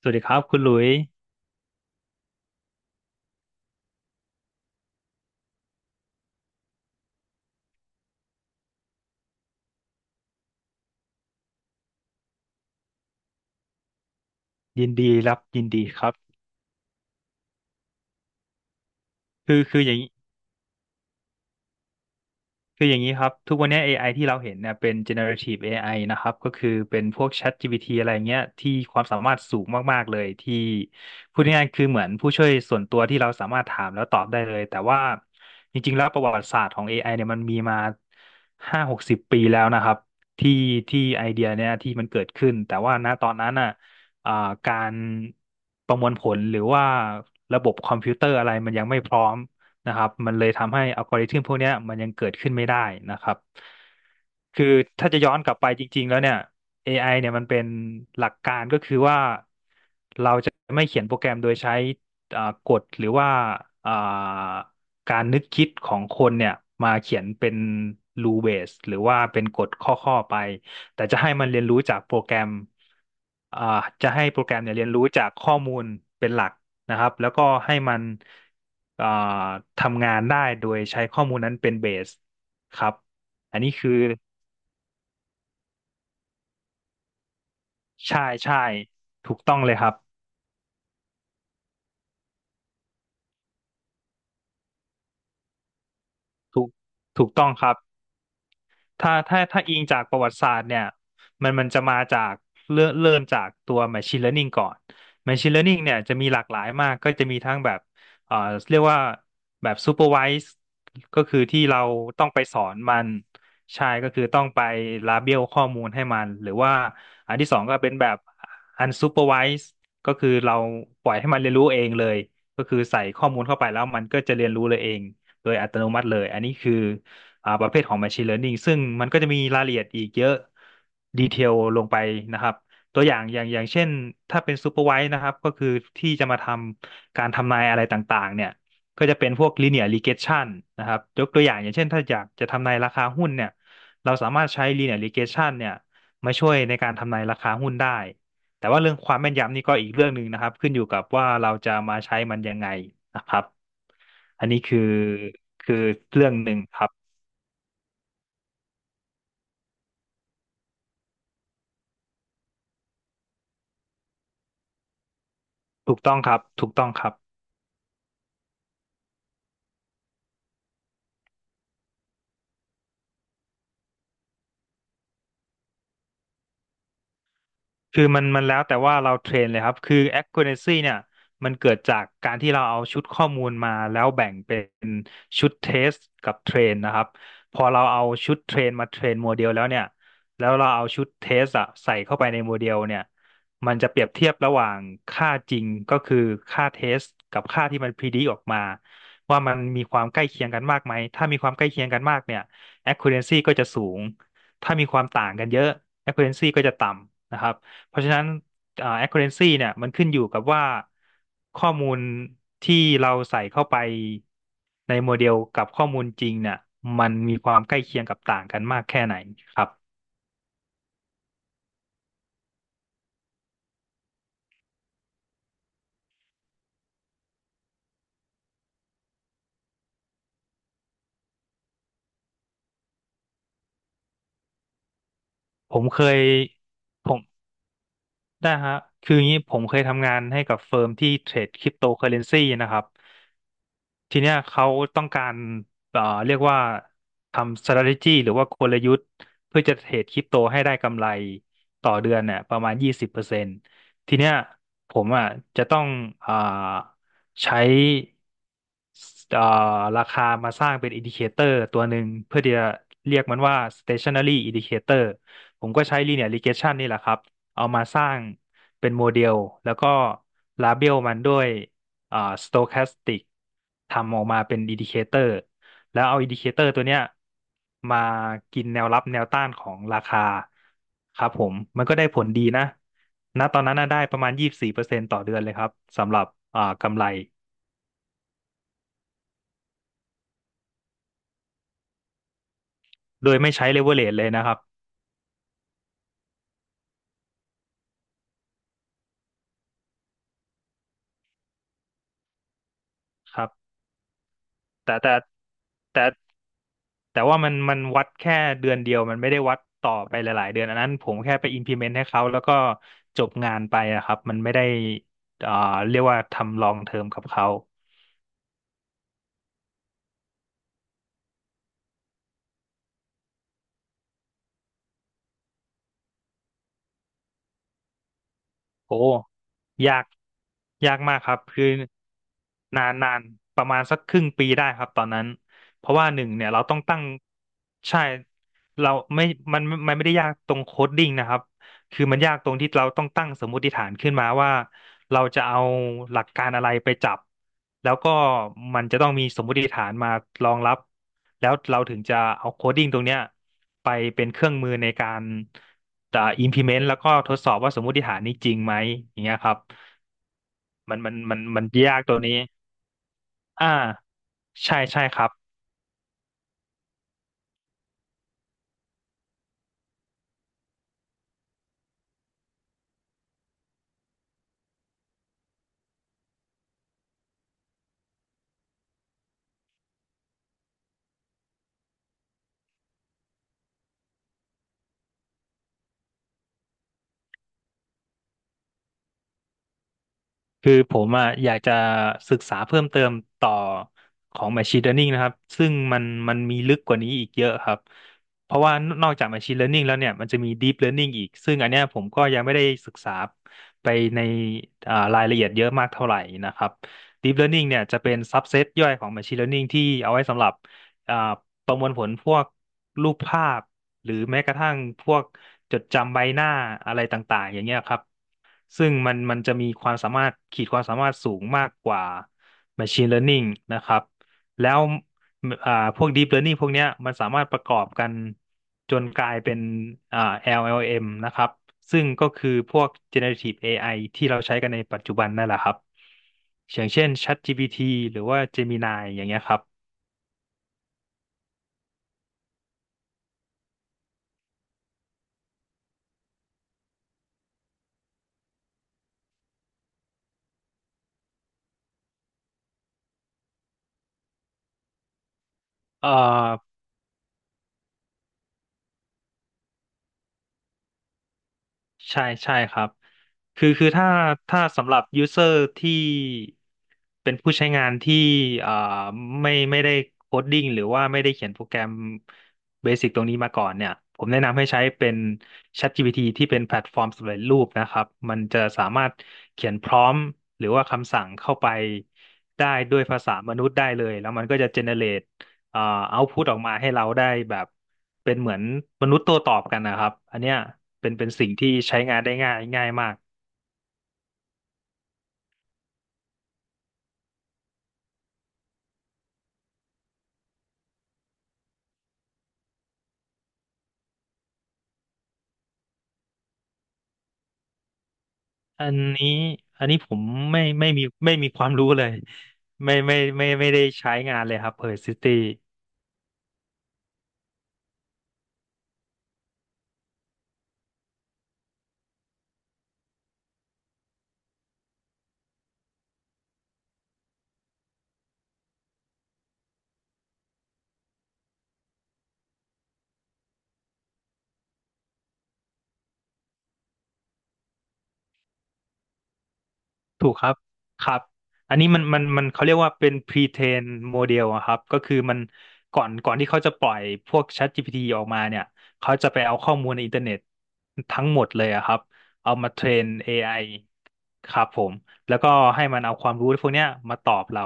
สวัสดีครับคุณหลุยยินดีรับยินดีครับคือคืออย่างนี้ คืออย่างนี้ครับทุกวันนี้ AI ที่เราเห็นเนี่ยเป็น generative AI นะครับก็คือเป็นพวก ChatGPT อะไรเงี้ยที่ความสามารถสูงมากๆเลยที่พูดง่ายๆคือเหมือนผู้ช่วยส่วนตัวที่เราสามารถถามแล้วตอบได้เลยแต่ว่าจริงๆแล้วประวัติศาสตร์ของ AI เนี่ยมันมีมา5-60 ปีแล้วนะครับที่ที่ไอเดียเนี่ยที่มันเกิดขึ้นแต่ว่าณตอนนั้นอ่ะอ่าการประมวลผลหรือว่าระบบคอมพิวเตอร์อะไรมันยังไม่พร้อม นะครับมันเลยทำให้อัลกอริทึมพวกเนี้ยมันยังเกิดขึ้นไม่ได้นะครับคือถ้าจะย้อนกลับไปจริงๆแล้วเนี่ย AI เนี่ยมันเป็นหลักการก็คือว่าเราจะไม่เขียนโปรแกรมโดยใช้กฎหรือว่าอ่าการนึกคิดของคนเนี่ยมาเขียนเป็น rule base หรือว่าเป็นกฎข้อๆไปแต่จะให้มันเรียนรู้จากโปรแกรมอ่าจะให้โปรแกรมเนี่ยเรียนรู้จากข้อมูลเป็นหลัก นะครับแล้วก็ให้มันอ่าทำงานได้โดยใช้ข้อมูลนั้นเป็นเบสครับอันนี้คือใช่ใช่ถูกต้องเลยครับถูกถูกต้องครับ ถ้าอิงจากประวัติศาสตร์เนี่ยมันจะมาจากเริ่มจากตัว Machine Learning ก่อน Machine Learning เนี่ยจะมีหลากหลายมากก็จะมีทั้งแบบเอ่อเรียกว่าแบบ Supervised ก็คือที่เราต้องไปสอนมันใช่ก็คือต้องไปลาเบลข้อมูลให้มันหรือว่าอันที่สองก็เป็นแบบ Unsupervised ก็คือเราปล่อยให้มันเรียนรู้เองเลยก็คือใส่ข้อมูลเข้าไปแล้วมันก็จะเรียนรู้เลยเองโดยอัตโนมัติเลยอันนี้คือ ประเภทของ Machine Learning ซึ่งมันก็จะมีรายละเอียดอีกเยอะดีเทลลงไปนะครับตัวอย่างอย่างเช่นถ้าเป็น Supervised นะครับก็คือที่จะมาทำการทำนายอะไรต่างๆเนี่ยก็จะเป็นพวก Linear Regression นะครับยกตัวอย่างอย่างเช่นถ้าอยากจะทำนายราคาหุ้นเนี่ยเราสามารถใช้ Linear Regression เนี่ยมาช่วยในการทำนายราคาหุ้นได้แต่ว่าเรื่องความแม่นยำนี่ก็อีกเรื่องหนึ่งนะครับขึ้นอยู่กับว่าเราจะมาใช้มันยังไงนะครับอันนี้คือคือเรื่องหนึ่งครับ ถูกต้องครับถูกต้องครับ คือมันแล้วแต่ว่าเราเทรนเลยครับคือ accuracy เนี่ยมันเกิดจากการที่เราเอาชุดข้อมูลมาแล้วแบ่งเป็นชุดเทสกับเทรนนะครับพอเราเอาชุดเทรนมาเทรนโมเดลแล้วเนี่ยแล้วเราเอาชุดเทสอะใส่เข้าไปในโมเดลเนี่ยมันจะเปรียบเทียบระหว่างค่าจริงก็คือค่าเทสกับค่าที่มันพอ d ด c ออกมาว่ามันมีความใกล้เคียงกันมากไหมถ้ามีความใกล้เคียงกันมากเนี่ย accuracy ก็จะสูงถ้ามีความต่างกันเยอะ accuracy ก็จะต่ำนะครับ เพราะฉะนั้นaccuracy เนี่ยมันขึ้นอยู่กับว่าข้อมูลที่เราใส่เข้าไปในโมเดลกับข้อมูลจริงเนี่ยมันมีความใกล้เคียงกับต่างกันมากแค่ไหนครับผมเคยผมได้ฮะคืออย่างนี้ผมเคยทำงานให้กับเฟิร์มที่เทรดคริปโตเคอเรนซีนะครับ ทีเนี้ยเขาต้องการเรียกว่าทำ strategy หรือว่ากลยุทธ์เพื่อจะเทรดคริปโตให้ได้กำไรต่อเดือนเนี่ยประมาณ20%ทีเนี้ยผมอ่ะจะต้องอ่าใช้เอ่อราคามาสร้างเป็น indicator ตัวหนึ่งเพื่อที่จะเรียกมันว่า stationary indicator ผมก็ใช้ linear regression นี่แหละครับเอามาสร้างเป็นโมเดลแล้วก็ label มันด้วย อ่า stochastic ทำออกมาเป็น Indicator แล้วเอา Indicator ตัวเนี้ยมากินแนวรับแนวต้านของราคาครับผมมันก็ได้ผลดีนะณตอนนั้นน่ะได้ประมาณ24%ต่อเดือนเลยครับสำหรับกำไรโดยไม่ใช้เลเวอเร e เลยนะครับครับแต่แต่แต่ แต่ว่ามันวัดแค่เดือนเดียวมันไม่ได้วัดต่อไปหลายๆเดือนอันนั้นผมแค่ไป implement ให้เขาแล้วก็จบงานไปอะครับมันไม่ได้เอ่อเรียกว่าทำลองเทอมกับเขาโอ้ยากยากมากครับคือนานประมาณสักครึ่งปีได้ครับตอนนั้นเพราะว่าหนึ่งเนี่ยเราต้องตั้งใช่เราไม่มันไม่ได้ยากตรงโคดดิ้งนะครับ คือมันยากตรงที่เราต้องตั้งสมมติฐานขึ้นมาว่าเราจะเอาหลักการอะไรไปจับแล้วก็มันจะต้องมีสมมติฐานมารองรับแล้วเราถึงจะเอาโคดดิ้งตรงเนี้ยไปเป็นเครื่องมือในการimplement แล้วก็ทดสอบว่าสมมติฐานนี้จริงไหมอย่างเงี้ยครับมันยากตัวนี้อ่าใช่ครับ คือผมอ่ะอยากจะศึกษาเพิ่มเติมต่อของ Machine Learning นะครับซึ่งมันมันมีลึกกว่านี้อีกเยอะครับเพราะว่านอกจาก Machine Learning แล้วเนี่ยมันจะมี Deep Learning อีกซึ่งอันเนี้ยผมก็ยังไม่ได้ศึกษาไปในอ่ารายละเอียดเยอะมากเท่าไหร่นะครับ Deep Learning เนี่ยจะเป็น subset ย่อยของ Machine Learning ที่เอาไว้สำหรับอ่าประมวลผลพวกรูปภาพหรือแม้กระทั่งพวกจดจำใบหน้าอะไรต่างๆอย่างเงี้ยครับ ซึ่งมันมันจะมีความสามารถขีดความสามารถสูงมากกว่า Machine Learning นะครับแล้วอ่าพวก Deep Learning พวกเนี้ยมันสามารถประกอบกันจนกลายเป็นอ่า LLM นะครับซึ่งก็คือพวก Generative AI ที่เราใช้กันในปัจจุบันนั่นแหละครับอย่างเช่น ChatGPT หรือว่า Gemini อย่างเงี้ยครับเอ่อ ใช่ใช่ครับคือถ้าสำหรับยูเซอร์ที่เป็นผู้ใช้งานที่อ่าไม่ได้โคดดิ้งหรือว่าไม่ได้เขียนโปรแกรมเบสิกตรงนี้มาก่อนเนี่ยผมแนะนำให้ใช้เป็น ChatGPT ที่เป็นแพลตฟอร์มสำเร็จรูปนะครับมันจะสามารถเขียนพร้อมหรือว่าคำสั่งเข้าไปได้ด้วยภาษามนุษย์ได้เลยแล้วมันก็จะเจเนเรตอ่าเอาพุตออกมาให้เราได้แบบ เป็นเหมือนมนุษย์ตัวตอบกันนะครับอันเนี้ยเป็นสิ่งที่ใช้งานได้ง่ายมากอันนี้อันนี้ผมไม่มีความรู้เลยไม่ได้ใช้งานเลยครับ Perl City ถูกครับครับอันนี้มันเขาเรียกว่าเป็น pre-train model อะครับก็คือมันก่อนที่เขาจะปล่อยพวก ChatGPT ออกมาเนี่ยเขาจะไปเอาข้อมูลในอินเทอร์เน็ตทั้งหมดเลยอะครับเอามาเทรน AI ครับผมแล้วก็ให้มันเอาความรู้พวกเนี้ยมาตอบเรา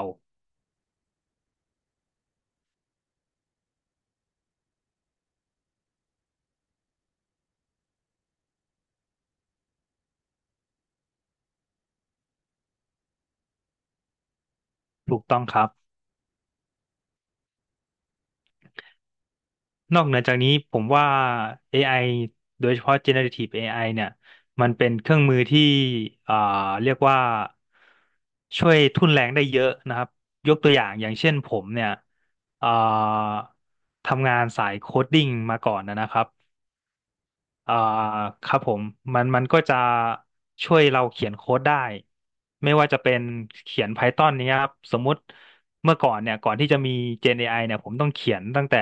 ถูกต้องครับ นอกเหนือจากนี้ผมว่า AI โดยเฉพาะ generative AI เนี่ยมันเป็นเครื่องมือที่อ่าเรียกว่าช่วยทุ่นแรงได้เยอะนะครับยกตัวอย่างอย่างเช่นผมเนี่ยอ่าทำงานสายโคดดิ้งมาก่อนนะครับ อ่าครับผมมันก็จะช่วยเราเขียนโค้ดได้ไม่ว่าจะเป็นเขียน Python เนี้ยครับสมมุติเมื่อก่อนเนี่ยก่อนที่จะมี Gen AI เนี่ยผมต้องเขียนตั้งแต่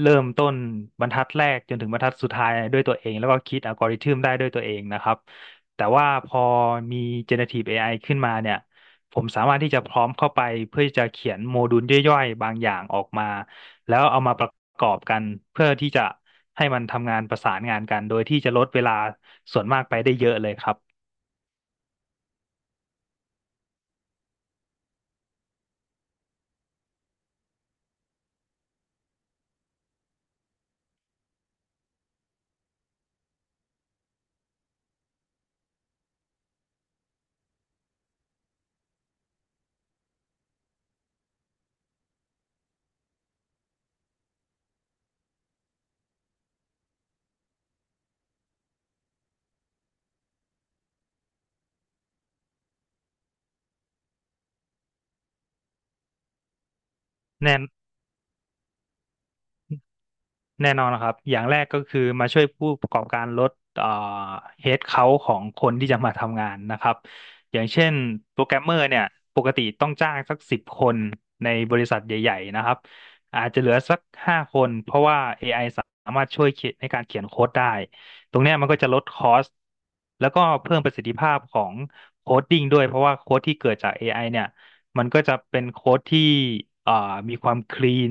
เริ่มต้นบรรทัดแรกจนถึงบรรทัดสุดท้ายด้วยตัวเองแล้วก็คิดอัลกอริทึมได้ด้วยตัวเองนะครับแต่ว่าพอมี Generative AI ขึ้นมาเนี่ยผมสามารถที่จะพร้อมเข้าไปเพื่อที่จะเขียนโมดูลย่อยๆบางอย่างออกมาแล้วเอามาประกอบกันเพื่อที่จะ ให้มันทำงานประสานงานกันโดยที่จะลดเวลาส่วนมากไปได้เยอะเลยครับแน่น แน่นอนนะครับ อย่างแรกก็คือมาช่วยผู้ประกอบการลดเอ่อเฮดเค้าของคนที่จะมาทำงานนะครับ อย่างเช่นโปรแกรมเมอร์เนี่ยปกติต้องจ้างสัก10 คนในบริษัทใหญ่ๆนะครับอาจจะเหลือสัก5 คนเพราะว่า AI สามารถช่วยเขียนในการเขียนโค้ดได้ ตรงเนี้ยมันก็จะลดคอสแล้วก็เพิ่มประสิทธิภาพของโคดดิ้งด้วยเพราะว่าโค้ดที่เกิดจาก AI เนี่ยมันก็จะเป็นโค้ดที่เอ่อมีความคลีน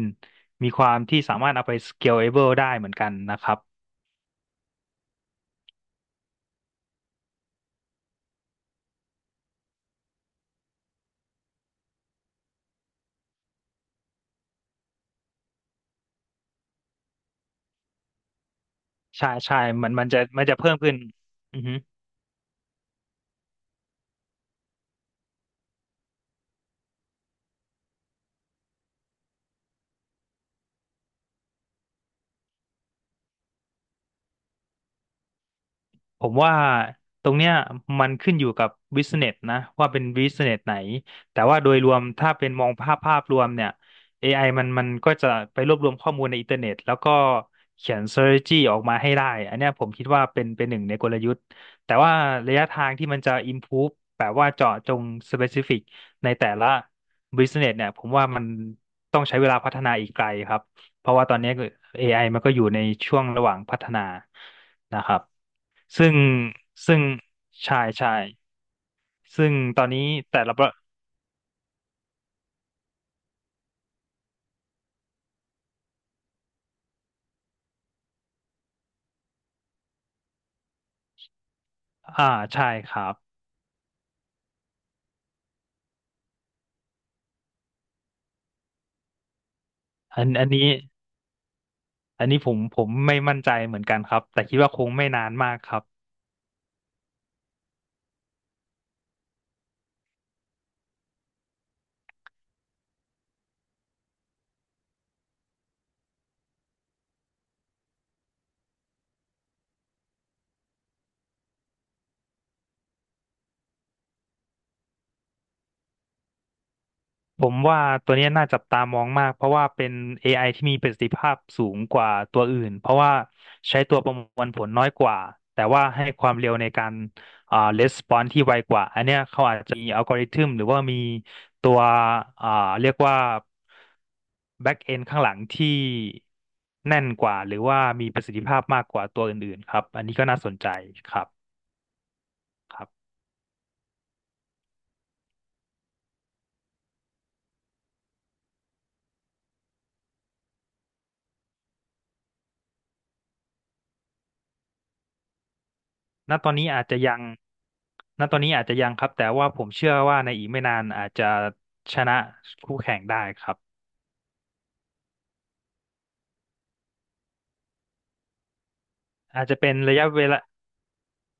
มีความที่สามารถเอาไป scalable ได้เหมือนกันนะครับใช่มันมันจะจะเพิ่มขึ้นอือฮึ ผมว่าตรงเนี้ยมันขึ้นอยู่กับบิสเนสนะว่าเป็นบิสเนสไหนแต่ว่าโดยรวมถ้าเป็นมองภาพรวมเนี่ย AI มันก็จะไปรวบรวมข้อมูลในอินเทอร์เน็ตแล้วก็เขียน strategy ออกมาให้ได้อันเนี้ยผมคิดว่าเป็นหนึ่งในกลยุทธ์แต่ว่าระยะทางที่มันจะ improve แบบว่าเจาะจง specific ในแต่ละ business เนี่ยผมว่ามันต้องใช้เวลาพัฒนาอีกไกลครับ เพราะว่าตอนนี้ก็ AI มันก็อยู่ในช่วงระหว่างพัฒนานะครับ ซึ่ง ซึ่งใช่ใช่ซึ่งตอนนี้แต่ละประอ่าใช่ครับอันอันนี้ อันนี้ผมไม่มั่นใจเหมือนกันครับ แต่คิดว่าคงไม่นานมากครับ ผมว่าตัวเนี้ยน่าจับตามองมากเพราะว่าเป็น AI ที่มีประสิทธิภาพสูงกว่าตัวอื่นเพราะว่าใช้ตัวประมวลผลน้อยกว่าแต่ว่าให้ความเร็วในการresponse ที่ไวกว่าอันเนี้ยเขาอาจจะมีอัลกอริทึมหรือว่ามีตัวอ่าเรียกว่า back end ข้างหลังที่แน่นกว่าหรือว่ามีประสิทธิภาพมากกว่าตัวอื่นๆครับอันนี้ก็น่าสนใจครับครับ ณตอนนี้อาจจะยังณตอนนี้อาจจะยังครับแต่ว่าผมเชื่อว่าในอีกไม่นานอาจจะชนะคู่แข่งได้ครับ อาจจะเป็นระยะเวลา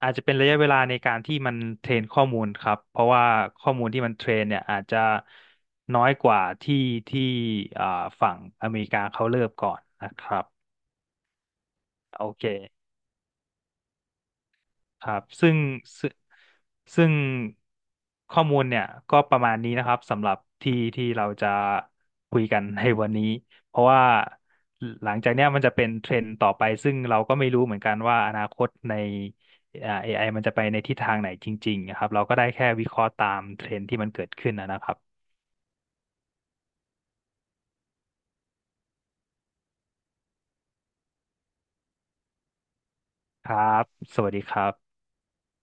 อาจจะเป็นระยะเวลาในการที่มันเทรนข้อมูลครับเพราะว่าข้อมูลที่มันเทรนเนี่ยอาจจะน้อยกว่าที่อ่าฝั่งอเมริกาเขาเริ่มก่อนนะครับโอเค ครับซึ่งซึ่งข้อมูลเนี่ยก็ประมาณนี้นะครับสำหรับที่เราจะคุยกัน ในวันนี้เพราะว่าหลังจากเนี้ยมันจะเป็นเทรนด์ต่อไปซึ่งเราก็ไม่รู้เหมือนกันว่าอนาคตในAI มันจะไปในทิศทางไหนจริงๆนะครับเราก็ได้แค่วิเคราะห์ตามเทรนด์ที่มันเกิดขึ้นนะครับครับสวัสดีครับ